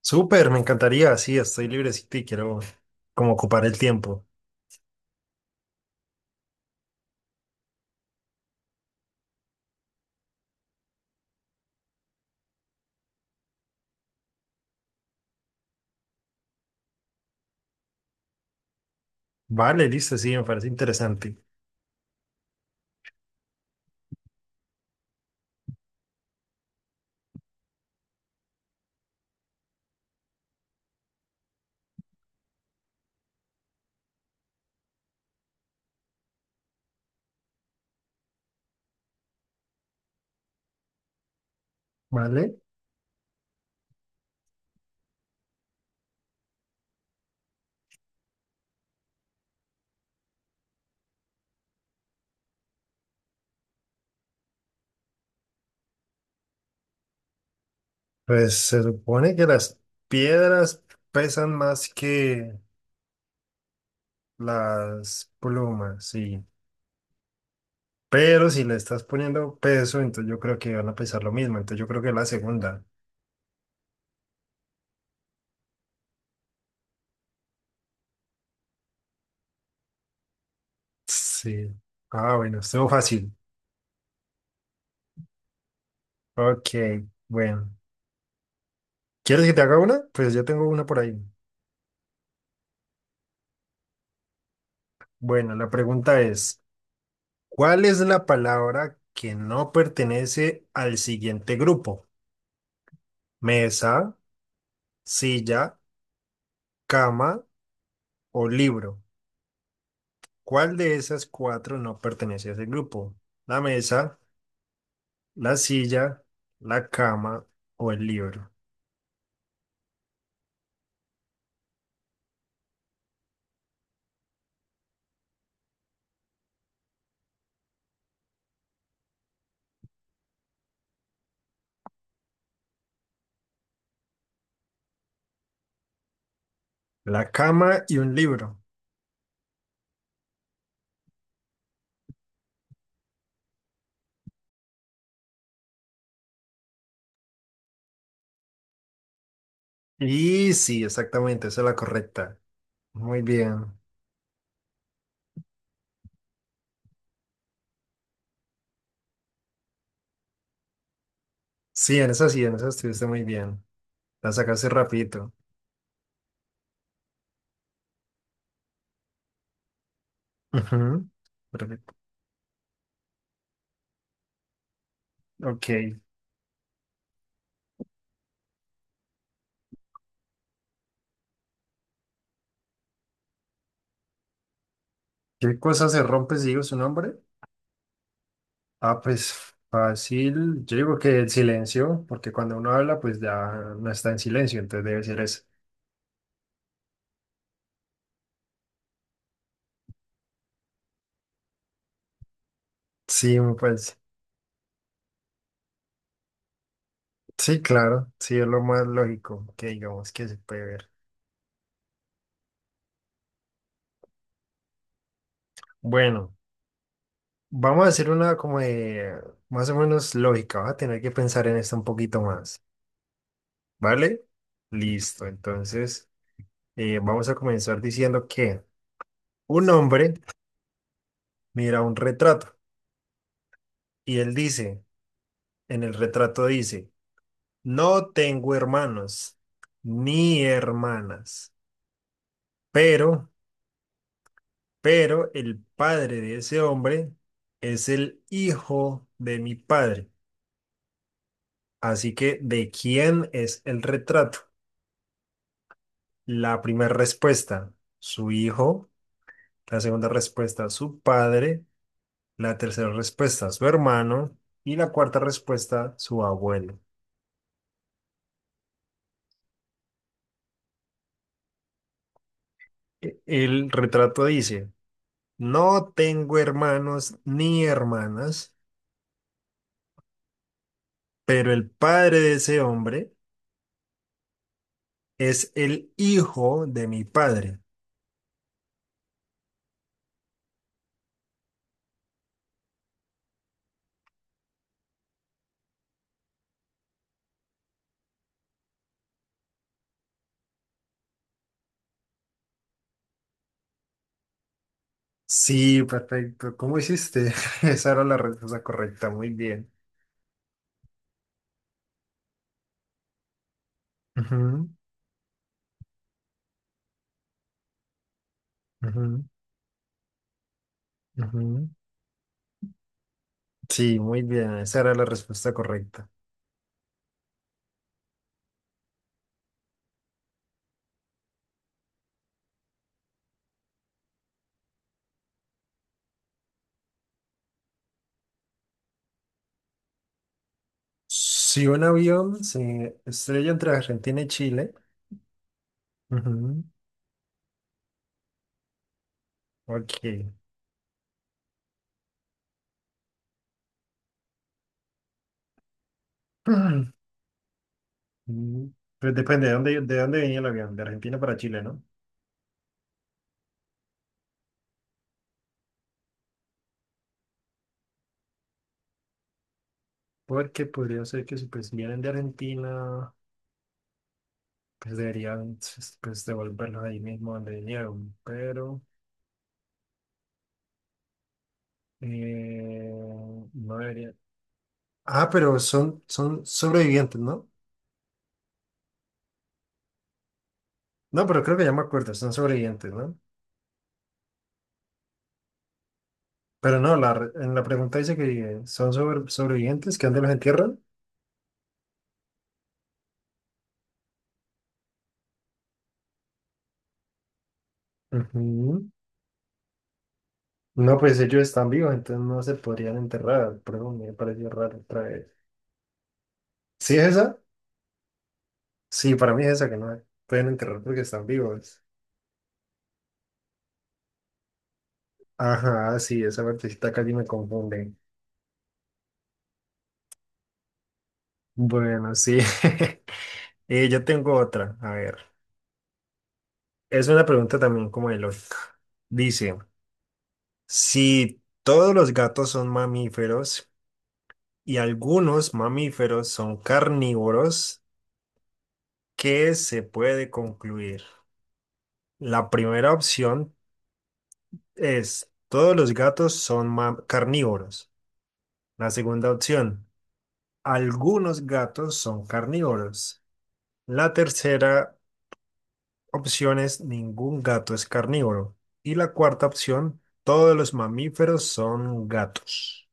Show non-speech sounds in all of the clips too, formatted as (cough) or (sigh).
Súper, me encantaría, sí, estoy librecito y quiero como ocupar el tiempo. Vale, listo, sí, me parece interesante. Vale, pues se supone que las piedras pesan más que las plumas, sí. Pero si le estás poniendo peso, entonces yo creo que van a pesar lo mismo, entonces yo creo que la segunda. Sí. Ah, bueno, estuvo fácil. Ok, bueno. ¿Quieres que te haga una? Pues yo tengo una por ahí. Bueno, la pregunta es... ¿Cuál es la palabra que no pertenece al siguiente grupo? Mesa, silla, cama o libro. ¿Cuál de esas cuatro no pertenece a ese grupo? La mesa, la silla, la cama o el libro. La cama y un libro. Y sí, exactamente, esa es la correcta. Muy bien. Sí, en esa estuviste muy bien. La sacaste rapidito. Ujú. Perfecto. Ok. ¿Qué cosa se rompe si digo su nombre? Ah, pues fácil. Yo digo que el silencio, porque cuando uno habla, pues ya no está en silencio, entonces debe ser eso. Sí, pues sí, claro, sí es lo más lógico que digamos que se puede ver. Bueno, vamos a hacer una como de más o menos lógica, vas a tener que pensar en esto un poquito más, ¿vale? Listo, entonces vamos a comenzar diciendo que un hombre mira un retrato y él dice, en el retrato dice, no tengo hermanos ni hermanas, pero, pero el padre de ese hombre es el hijo de mi padre. Así que, ¿de quién es el retrato? La primera respuesta, su hijo. La segunda respuesta, su padre. La tercera respuesta, su hermano. Y la cuarta respuesta, su abuelo. El retrato dice, no tengo hermanos ni hermanas. Pero el padre de ese hombre es el hijo de mi padre. Sí, perfecto. ¿Cómo hiciste? (laughs) Esa era la respuesta correcta. Muy bien. Ujú, ujú, ujú. Sí, muy bien. Esa era la respuesta correcta. Si un avión se estrella entre Argentina y Chile. Ujú. Ok. (clears throat) Mm, pues depende de dónde venía el avión. De Argentina para Chile, ¿no? Porque podría ser que si pues si vienen de Argentina, pues deberían pues, devolverlos ahí mismo donde vinieron, pero eh, no debería. Ah, pero son, son sobrevivientes, ¿no? No, pero creo que ya me acuerdo, son sobrevivientes, ¿no? Pero no, la, en la pregunta dice que son sobrevivientes, que dónde los entierran. Ujú. No, pues ellos están vivos, entonces no se podrían enterrar, pero me pareció raro otra vez. ¿Sí es esa? Sí, para mí es esa que no pueden enterrar porque están vivos. Ajá, sí, esa partecita casi me confunde. Bueno, sí. (laughs) Yo tengo otra. A ver, es una pregunta también como de lógica. Dice, si todos los gatos son mamíferos y algunos mamíferos son carnívoros, ¿qué se puede concluir? La primera opción es, todos los gatos son carnívoros. La segunda opción, algunos gatos son carnívoros. La tercera opción es ningún gato es carnívoro. Y la cuarta opción, todos los mamíferos son gatos.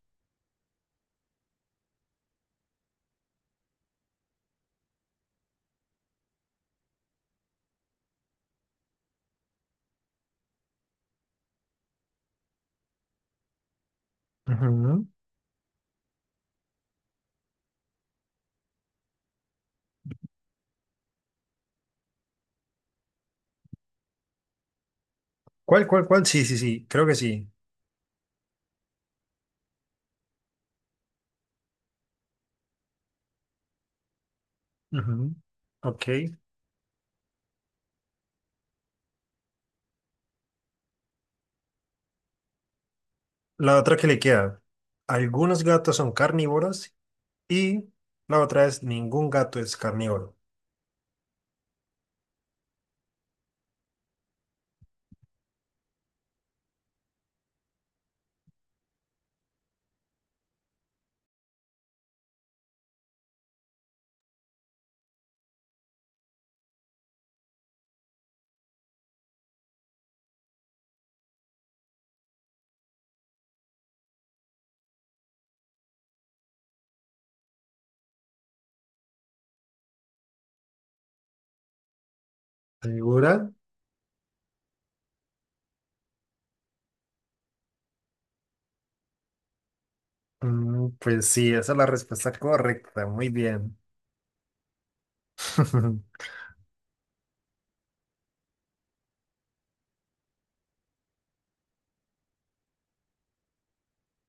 Ujú. ¿Cuál? Sí, sí, sí, creo que sí. Ujú. Ok. La otra que le queda, algunos gatos son carnívoros y la otra es ningún gato es carnívoro. ¿Segura? Mm, pues sí, esa es la respuesta correcta. Muy bien. (laughs)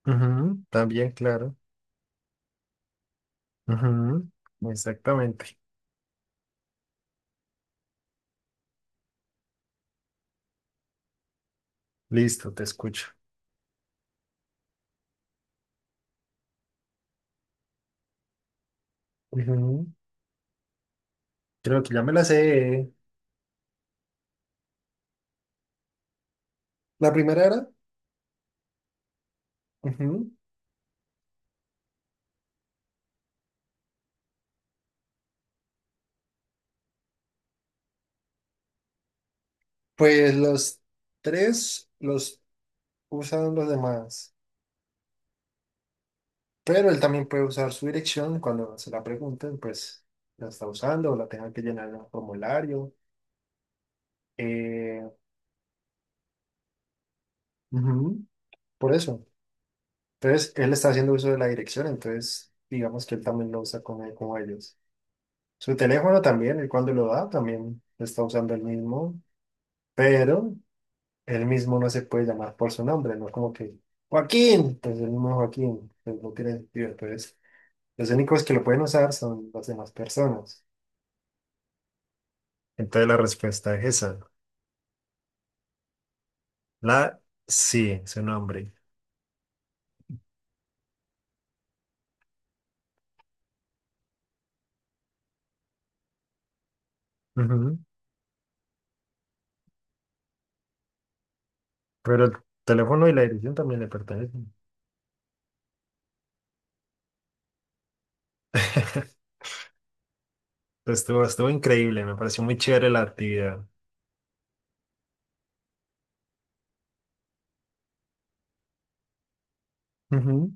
Ujú. También, claro. Ujú. Exactamente. Listo, te escucho. Ujú. Creo que ya me la sé. La primera era, ujú, pues los tres los usan los demás, pero él también puede usar su dirección cuando se la pregunten, pues la está usando o la tenga que llenar en un formulario. eh, ujú, por eso. Entonces, él está haciendo uso de la dirección, entonces digamos que él también lo usa como, como ellos. Su teléfono también, él cuando lo da, también está usando el mismo, pero él mismo no se puede llamar por su nombre, ¿no? Como que Joaquín, entonces el mismo Joaquín, pues no tiene sentido. Entonces, los únicos que lo pueden usar son las demás personas. Entonces la respuesta es esa. La sí, su nombre. Ujú. Pero el teléfono y la dirección también le pertenecen. (laughs) Estuvo increíble, me pareció muy chévere la actividad. Ujú.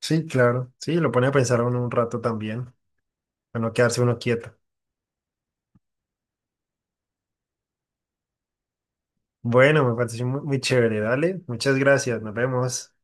Sí, claro. Sí, lo pone a pensar a uno un rato también, a no quedarse uno quieto. Bueno, me pareció muy chévere, dale. Muchas gracias, nos vemos.